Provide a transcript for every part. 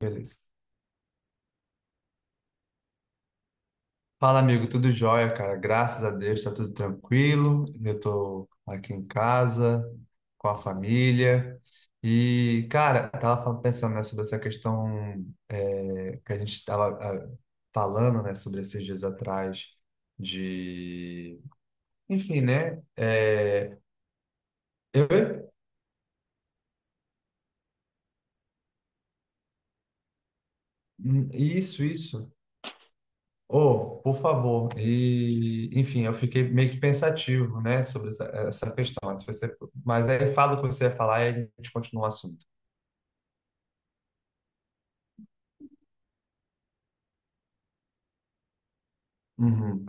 Beleza. Fala, amigo, tudo jóia, cara? Graças a Deus, tá tudo tranquilo. Eu tô aqui em casa, com a família. E, cara, pensando, né, sobre essa questão, que a gente tava falando, né, sobre esses dias atrás de... Enfim, né? Eu- Isso, isso. Oh, por favor. E, enfim, eu fiquei meio que pensativo, né, sobre essa questão. Se você, mas aí fala o que você ia falar e a gente continua o assunto. Uhum,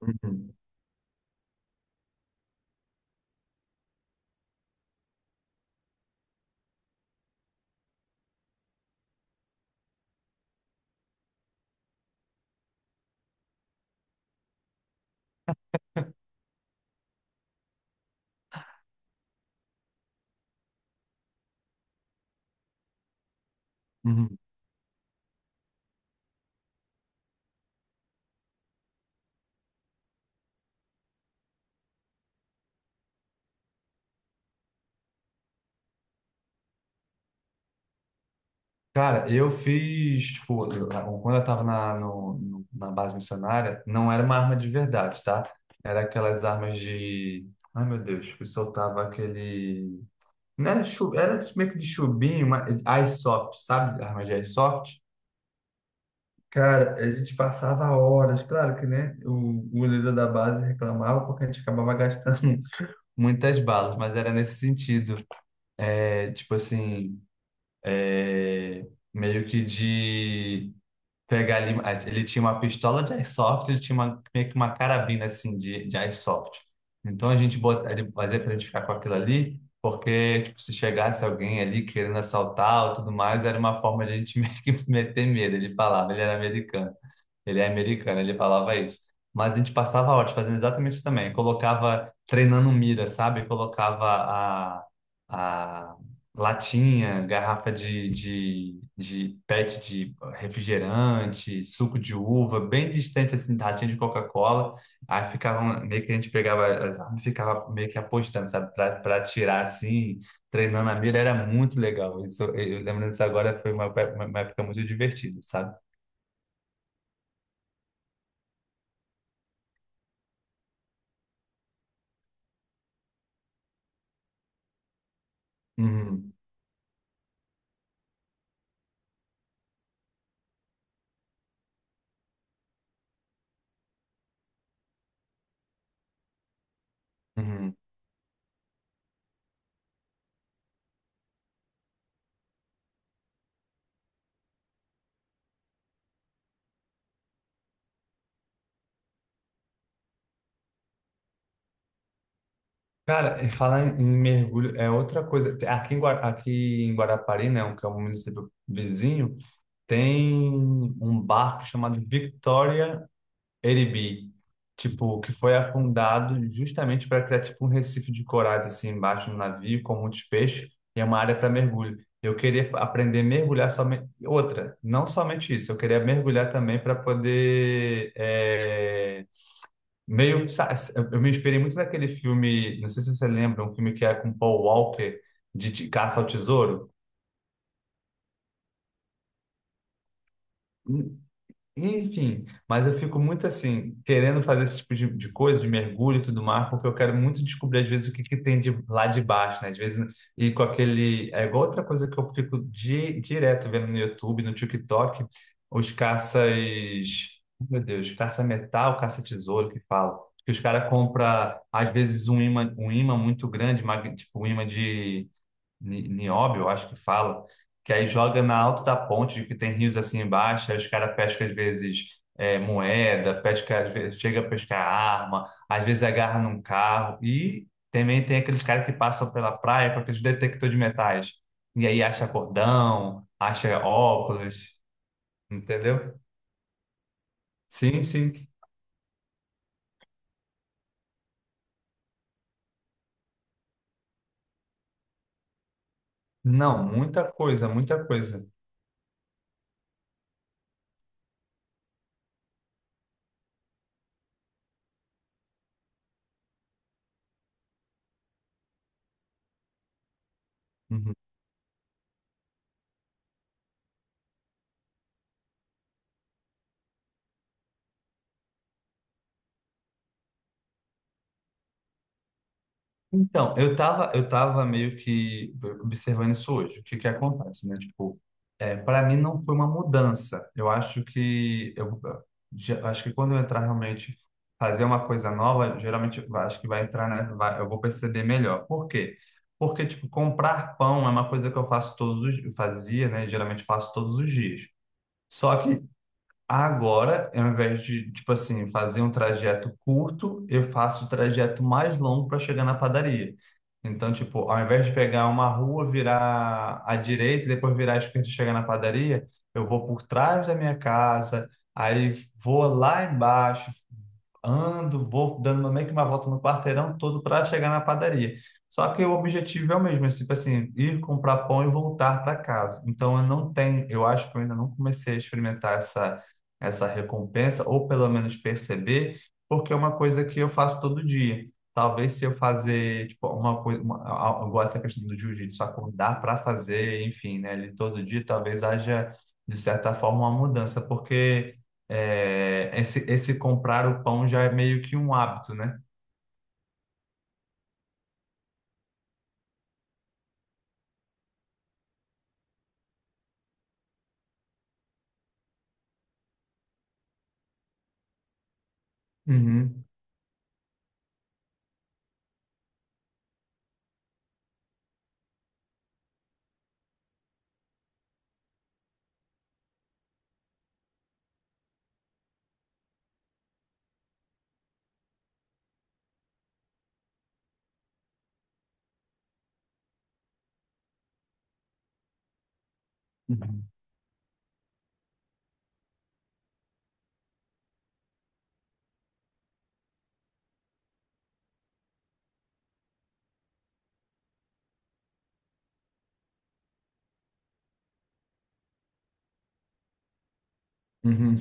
uhum, uhum. Cara, eu fiz, tipo, quando eu tava na, no- no- na base missionária, não era uma arma de verdade, tá? Era aquelas armas de... Ai, meu Deus, que soltava aquele... Não era, chu... era meio que de chubinho, uma Airsoft, sabe? Arma de airsoft. Cara, a gente passava horas, claro que, né? O goleiro da base reclamava porque a gente acabava gastando muitas balas, mas era nesse sentido. É, tipo assim, é, meio que de pegar ali. Ele tinha uma pistola de airsoft, ele tinha uma, meio que uma carabina assim de airsoft. Então a gente bota, ele fazia pra gente ficar com aquilo ali, porque tipo, se chegasse alguém ali querendo assaltar ou tudo mais, era uma forma de a gente meio que meter medo. Ele falava, ele era americano. Ele é americano, ele falava isso. Mas a gente passava horas fazendo exatamente isso também. Colocava, treinando mira, sabe? Colocava a, a latinha, garrafa de pet de refrigerante, suco de uva, bem distante, assim, da latinha de Coca-Cola. Aí ficava, um, meio que a gente pegava as armas e ficava meio que apostando, sabe? Pra atirar, assim, treinando a mira, era muito legal. Isso, eu lembrando disso agora, foi uma época muito divertida, sabe? Uhum, uhum. Cara, e falar em mergulho é outra coisa. Aqui em, aqui em Guarapari, né, o que é um município vizinho, tem um barco chamado Victoria Eribi, tipo, que foi afundado justamente para criar tipo um recife de corais assim embaixo no navio com muitos peixes e é uma área para mergulho. Eu queria aprender a mergulhar somente outra, não somente isso. Eu queria mergulhar também para poder Meio, sa- eu me inspirei muito naquele filme, não sei se você lembra, um filme que é com Paul Walker, de Caça ao Tesouro. Enfim, mas eu fico muito assim, querendo fazer esse tipo de coisa, de mergulho e tudo mais, porque eu quero muito descobrir, às vezes, que tem de lá de baixo, né? Às vezes, e com aquele. É igual outra coisa que eu fico direto vendo no YouTube, no TikTok, os caças. Meu Deus, caça-metal, caça-tesouro que fala. Que os caras compram, às vezes, um imã muito grande, tipo um imã de Nióbio, eu acho que fala, que aí joga na alta da ponte, que tem rios assim embaixo, aí os caras pescam às vezes moeda, pesca, às vezes chega a pescar arma, às vezes agarra num carro, e também tem aqueles caras que passam pela praia com aqueles detector de metais, e aí acha cordão, acha óculos, entendeu? Sim, sim. Não, muita coisa, muita coisa. Uhum. Então, eu tava meio que observando isso hoje. O que que acontece, né? Tipo, é, para mim não foi uma mudança. Eu acho que acho que quando eu entrar realmente fazer uma coisa nova, geralmente eu acho que vai entrar, né? Eu vou perceber melhor. Por quê? Porque tipo, comprar pão é uma coisa que eu faço todos os, eu fazia, né? Geralmente faço todos os dias. Só que Agora, ao invés de, tipo assim, fazer um trajeto curto, eu faço o trajeto mais longo para chegar na padaria. Então, tipo, ao invés de pegar uma rua, virar à direita, e depois virar à esquerda e chegar na padaria, eu vou por trás da minha casa, aí vou lá embaixo, ando, meio que uma volta no quarteirão todo para chegar na padaria. Só que o objetivo é o mesmo, é tipo assim, ir comprar pão e voltar para casa. Então eu não tenho, eu acho que eu ainda não comecei a experimentar essa recompensa ou pelo menos perceber, porque é uma coisa que eu faço todo dia. Talvez se eu fazer, tipo, uma coisa, uma, a- igual essa questão do jiu-jitsu, acordar para fazer, enfim, né, ele todo dia, talvez haja de certa forma uma mudança, porque esse comprar o pão já é meio que um hábito, né? Uhum. Uhum. Uhum.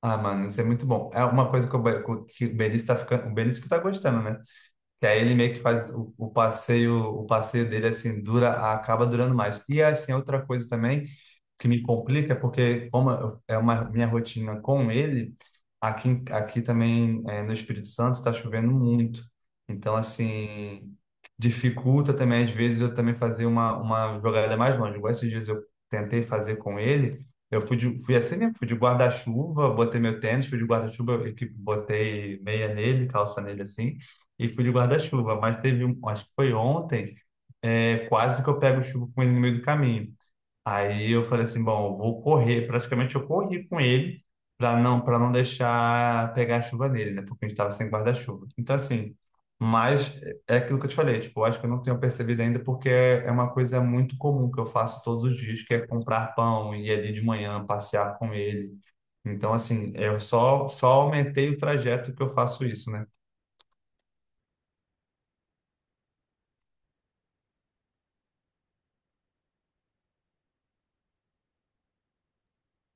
Ah, mano, isso é muito bom. É uma coisa que que o Benício tá ficando, o Benício que tá gostando, né? Que aí ele meio que faz o passeio dele assim dura, acaba durando mais. E assim, outra coisa também que me complica é porque é uma minha rotina com ele, aqui também no Espírito Santo está chovendo muito. Então assim, dificulta também às vezes eu também fazer uma jogada mais longe. Igual esses dias eu tentei fazer com ele, fui assim mesmo, fui de guarda-chuva, botei meu tênis, fui de guarda-chuva, eu que botei meia nele, calça nele assim. E fui de guarda-chuva, mas teve, acho que foi ontem, quase que eu pego chuva com ele no meio do caminho. Aí eu falei assim, bom, eu vou correr, praticamente eu corri com ele para não deixar pegar a chuva nele, né? Porque a gente estava sem guarda-chuva. Então assim, mas é aquilo que eu te falei, tipo, eu acho que eu não tenho percebido ainda porque é uma coisa muito comum que eu faço todos os dias, que é comprar pão e ir ali de manhã passear com ele. Então assim, eu só aumentei o trajeto que eu faço isso, né?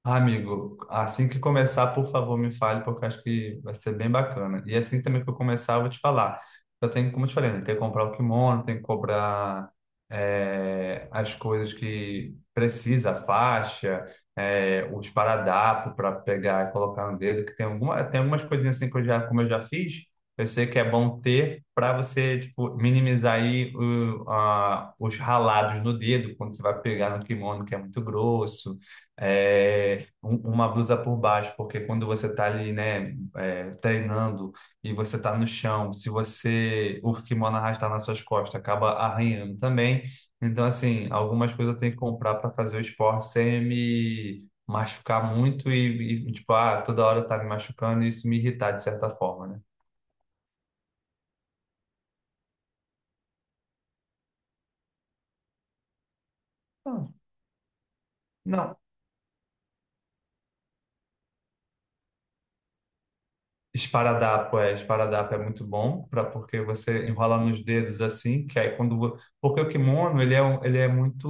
Ah, amigo, assim que começar, por favor, me fale, porque eu acho que vai ser bem bacana. E assim também que eu começar, eu vou te falar. Eu tenho, como eu te falei, né, tem que comprar o kimono, tem que comprar as coisas que precisa, a faixa, os paradapos para pegar e colocar no dedo, que tem alguma, tem algumas coisinhas assim que eu já, como eu já fiz, eu sei que é bom ter para você, tipo, minimizar aí os ralados no dedo, quando você vai pegar no kimono, que é muito grosso uma blusa por baixo, porque quando você está ali, né, é, treinando e você está no chão, se você o kimono arrastar nas suas costas, acaba arranhando também. Então, assim, algumas coisas eu tenho que comprar para fazer o esporte sem me machucar muito tipo, ah, toda hora tá me machucando e isso me irritar de certa forma, né? Então, Não, Esparadapo, esparadapo é muito bom para porque você enrola nos dedos assim, que aí quando porque o kimono, ele ele é muito,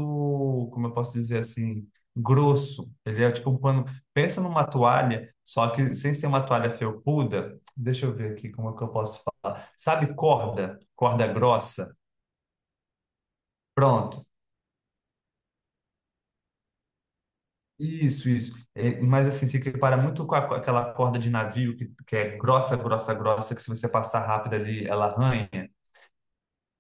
como eu posso dizer assim, grosso. Ele é tipo um pano, pensa numa toalha, só que sem ser uma toalha felpuda. Deixa eu ver aqui como é que eu posso falar. Sabe corda, corda grossa? Pronto. Isso, isso. É, mas assim, se equipara muito com aquela corda de navio que é grossa, grossa, grossa, que se você passar rápido ali, ela arranha.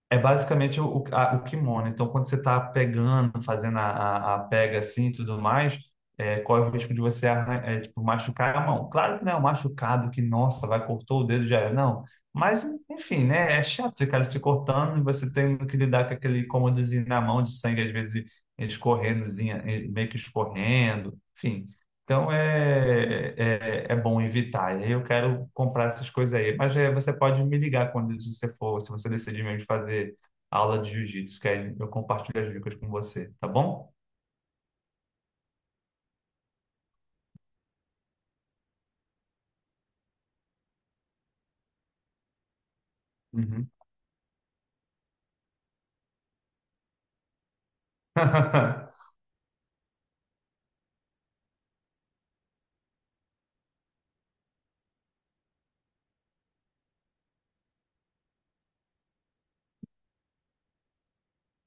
É basicamente o kimono. Então, quando você está pegando, fazendo a pega assim e tudo mais, corre o risco de você tipo, machucar a mão. Claro que não é um machucado que, nossa, vai cortou o dedo já era. Não. Mas, enfim, né? É chato ficar se cortando e você tendo que lidar com aquele incômodozinho na mão de sangue, às vezes escorrendozinha, meio que escorrendo. Enfim. Então é bom evitar. E aí eu quero comprar essas coisas aí. Mas é, você pode me ligar quando você for, se você decidir mesmo fazer aula de jiu-jitsu, que aí eu compartilho as dicas com você, tá bom? Uhum.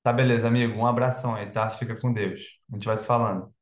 Tá beleza, amigo. Um abração aí, tá? Fica com Deus. A gente vai se falando.